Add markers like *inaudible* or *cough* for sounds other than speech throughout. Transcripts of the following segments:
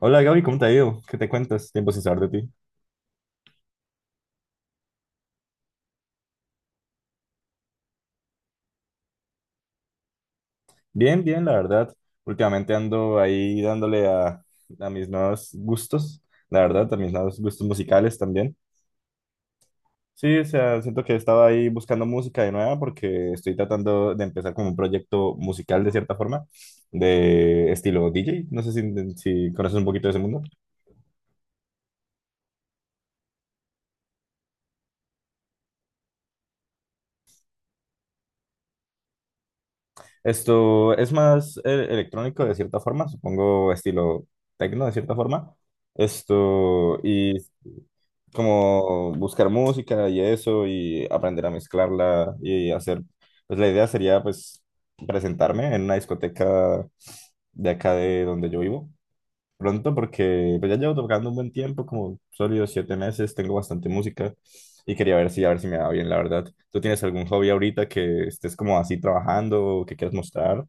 Hola Gaby, ¿cómo te ha ido? ¿Qué te cuentas? Tiempo sin saber de ti. Bien, bien, la verdad. Últimamente ando ahí dándole a mis nuevos gustos, la verdad, a mis nuevos gustos musicales también. Sí, o sea, siento que estaba ahí buscando música de nueva porque estoy tratando de empezar como un proyecto musical de cierta forma, de estilo DJ. No sé si conoces un poquito de ese mundo. Esto es más electrónico de cierta forma, supongo estilo techno de cierta forma. Esto, y como buscar música y eso y aprender a mezclarla y hacer, pues la idea sería pues presentarme en una discoteca de acá de donde yo vivo pronto porque pues ya llevo tocando un buen tiempo, como sólidos siete meses, tengo bastante música y quería ver a ver si me va bien, la verdad. ¿Tú tienes algún hobby ahorita que estés como así trabajando o que quieras mostrar?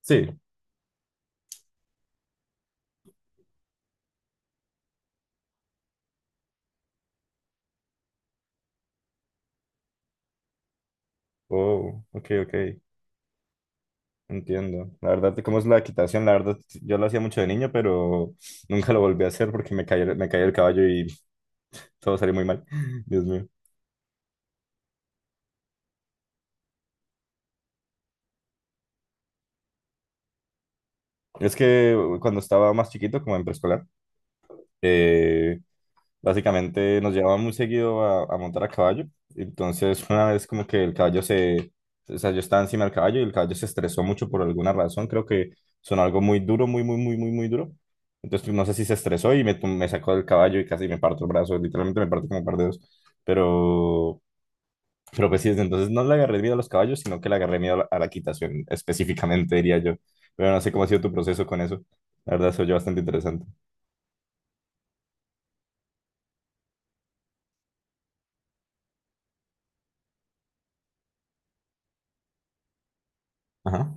Sí. Oh, ok, ok. Entiendo. La verdad, ¿cómo es la equitación? La verdad, yo lo hacía mucho de niño, pero *laughs* nunca lo volví a hacer porque me caí el caballo y todo salió muy mal. *laughs* Dios mío. Es que cuando estaba más chiquito, como en preescolar, eh, básicamente nos llevaban muy seguido a montar a caballo. Entonces, una vez como que el caballo se... O sea, yo estaba encima del caballo y el caballo se estresó mucho por alguna razón. Creo que sonó algo muy duro, muy, muy, muy, muy, muy duro. Entonces, pues, no sé si se estresó y me sacó del caballo y casi me parto el brazo. Literalmente me parto como un par de dedos. Pero, pero pues sí, desde entonces no le agarré miedo a los caballos, sino que le agarré miedo a a la quitación, específicamente, diría yo. Pero no sé cómo ha sido tu proceso con eso. La verdad, se oyó bastante interesante. Ajá,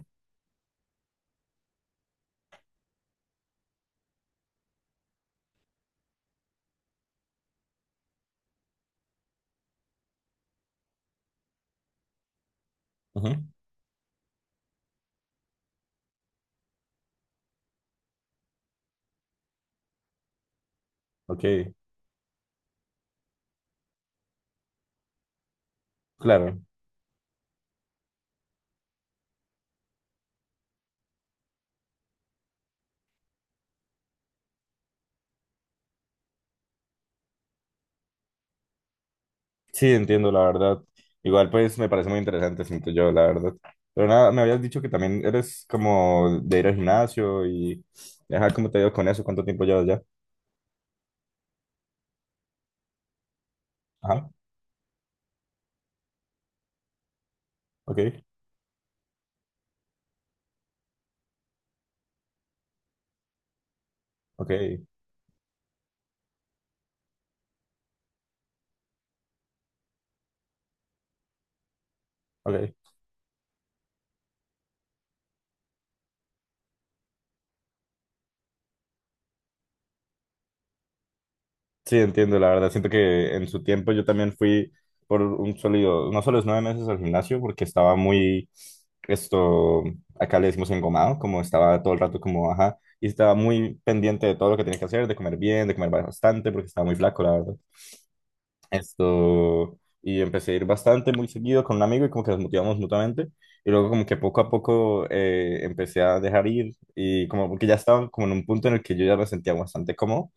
ujú, ok, claro. Sí, entiendo, la verdad. Igual, pues me parece muy interesante, siento yo, la verdad. Pero nada, me habías dicho que también eres como de ir al gimnasio y. Ajá, ¿cómo te ha ido con eso? ¿Cuánto tiempo llevas ya? Ajá, ok, ok, ok. Sí, entiendo, la verdad. Siento que en su tiempo yo también fui por un sólido, no solo los nueve meses al gimnasio, porque estaba muy. Esto, acá le decimos engomado, como estaba todo el rato como, ajá, y estaba muy pendiente de todo lo que tenía que hacer, de comer bien, de comer bastante, porque estaba muy flaco, la verdad. Esto, y empecé a ir bastante, muy seguido con un amigo y como que nos motivamos mutuamente. Y luego como que poco a poco empecé a dejar ir y como que ya estaba como en un punto en el que yo ya me sentía bastante cómodo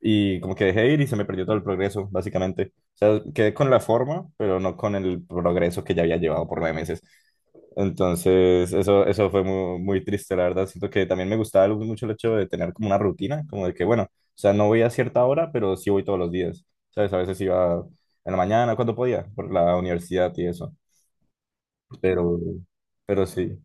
y como que dejé ir y se me perdió todo el progreso, básicamente. O sea, quedé con la forma, pero no con el progreso que ya había llevado por nueve meses. Entonces, eso fue muy, muy triste, la verdad. Siento que también me gustaba algo mucho el hecho de tener como una rutina, como de que, bueno, o sea, no voy a cierta hora, pero sí voy todos los días. ¿Sabes? A veces iba en la mañana, cuando podía, por la universidad y eso. Pero, pero sí.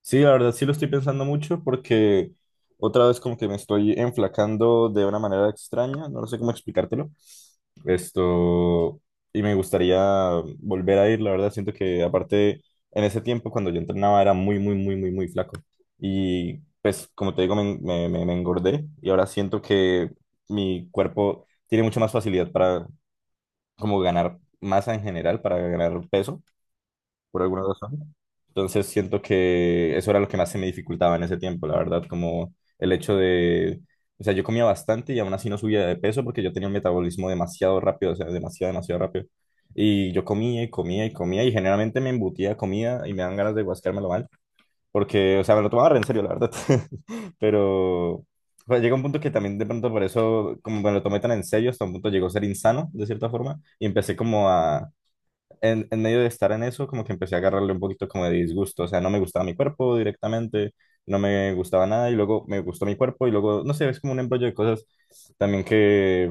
Sí, la verdad sí lo estoy pensando mucho porque otra vez como que me estoy enflacando de una manera extraña, no sé cómo explicártelo. Esto, y me gustaría volver a ir, la verdad siento que aparte en ese tiempo cuando yo entrenaba era muy, muy, muy, muy, muy flaco. Y pues como te digo, me engordé y ahora siento que mi cuerpo tiene mucha más facilidad para como ganar masa en general, para ganar peso, por alguna razón. Entonces siento que eso era lo que más se me dificultaba en ese tiempo, la verdad, como el hecho de, o sea, yo comía bastante y aún así no subía de peso porque yo tenía un metabolismo demasiado rápido, o sea, demasiado, demasiado rápido. Y yo comía y comía y comía y generalmente me embutía comida y me dan ganas de guascármelo mal porque, o sea, me lo tomaba re en serio, la verdad. *laughs* Pero o llega un punto que también de pronto por eso, como me lo tomé tan en serio, hasta un punto llegó a ser insano, de cierta forma, y empecé como a en medio de estar en eso, como que empecé a agarrarle un poquito como de disgusto, o sea, no me gustaba mi cuerpo directamente, no me gustaba nada y luego me gustó mi cuerpo y luego, no sé, es como un embrollo de cosas también que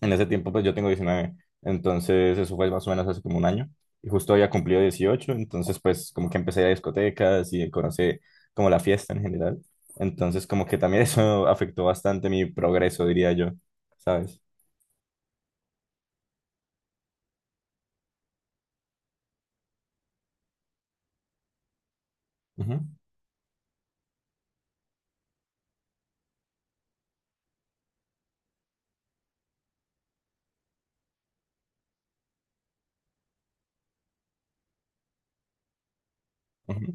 en ese tiempo, pues yo tengo 19 entonces eso fue más o menos hace como un año y justo había cumplido 18 entonces pues como que empecé a ir a discotecas y conocí como la fiesta en general, entonces como que también *laughs* eso afectó bastante mi progreso, diría yo, ¿sabes? Ujú, ujú.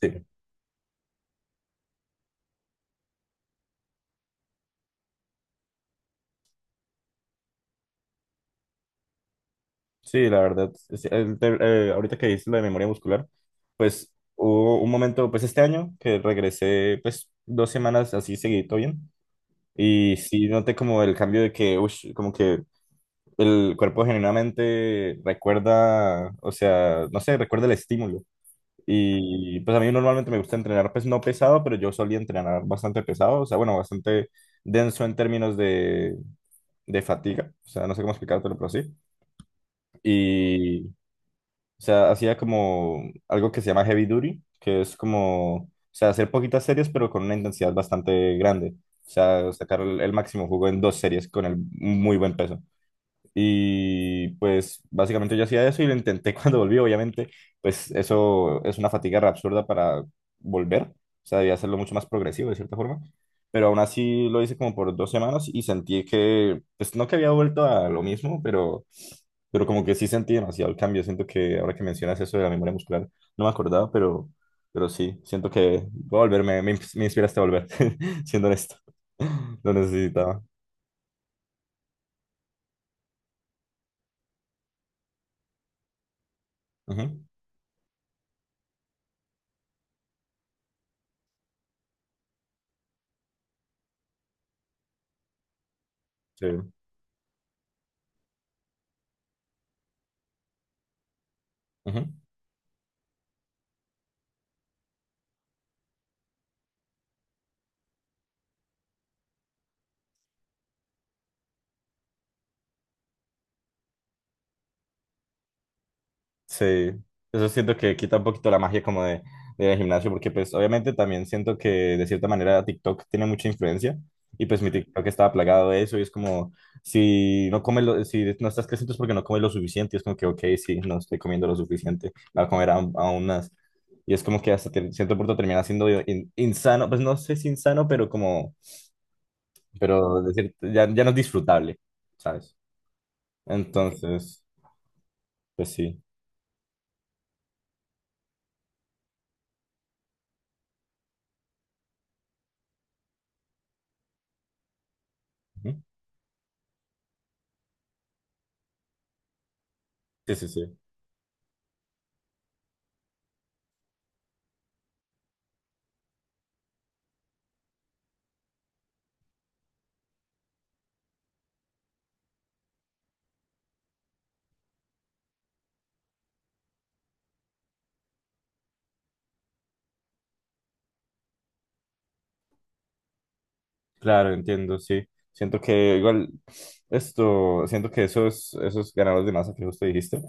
Sí. Sí, la verdad, ahorita que dices lo de memoria muscular, pues hubo un momento, pues este año, que regresé pues dos semanas así seguidito bien, y sí noté como el cambio de que, ush, como que el cuerpo genuinamente recuerda, o sea, no sé, recuerda el estímulo. Y pues a mí normalmente me gusta entrenar pues no pesado, pero yo solía entrenar bastante pesado, o sea, bueno, bastante denso en términos de fatiga, o sea, no sé cómo explicártelo, pero sí. Y o sea, hacía como algo que se llama heavy duty, que es como, o sea, hacer poquitas series, pero con una intensidad bastante grande. O sea, sacar el máximo jugo en dos series con el, muy buen peso. Y pues básicamente yo hacía eso y lo intenté *laughs* cuando volví, obviamente, pues eso es una fatiga re absurda para volver, o sea, debía hacerlo mucho más progresivo de cierta forma, pero aún así lo hice como por dos semanas y sentí que, pues no que había vuelto a lo mismo, pero como que sí sentí demasiado el cambio, siento que ahora que mencionas eso de la memoria muscular, no me acordaba, pero sí, siento que voy a volver, me inspiraste a volver, *laughs* siendo honesto, *laughs* lo necesitaba. Ujú, sí, ujú. Sí, eso siento que quita un poquito la magia como de, del gimnasio, porque pues obviamente también siento que de cierta manera TikTok tiene mucha influencia y pues mi TikTok estaba plagado de eso y es como, si no comes lo, si no estás creciendo es porque no comes lo suficiente y es como que, ok, sí, no estoy comiendo lo suficiente, voy a comer aún, aún más. Y es como que cierto punto termina siendo insano, pues no sé si insano, pero como, pero de ya, ya no es disfrutable, ¿sabes? Entonces, pues sí. Ujú. Sí, sí, sí. Claro, entiendo, sí. Siento que igual esto, siento que esos ganadores de masa que justo dijiste,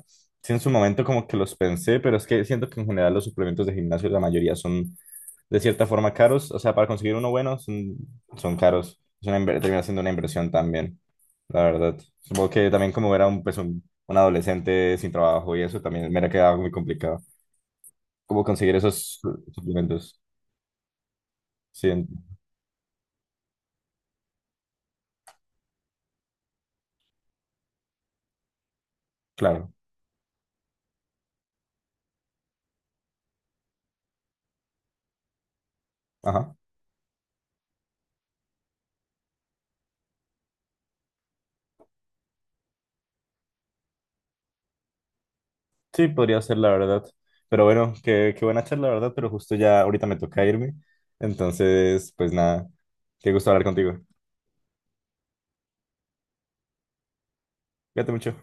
sí en su momento como que los pensé, pero es que siento que en general los suplementos de gimnasio la mayoría son de cierta forma caros, o sea, para conseguir uno bueno son, son caros, es una, inver- termina siendo una inversión también, la verdad. Supongo que también como era un adolescente sin trabajo y eso también me era quedado muy complicado, cómo conseguir esos suplementos, sí, en- claro, ajá. Sí, podría ser la verdad. Pero bueno, qué buena charla, la verdad, pero justo ya ahorita me toca irme. Entonces, pues nada, qué gusto hablar contigo. Cuídate mucho.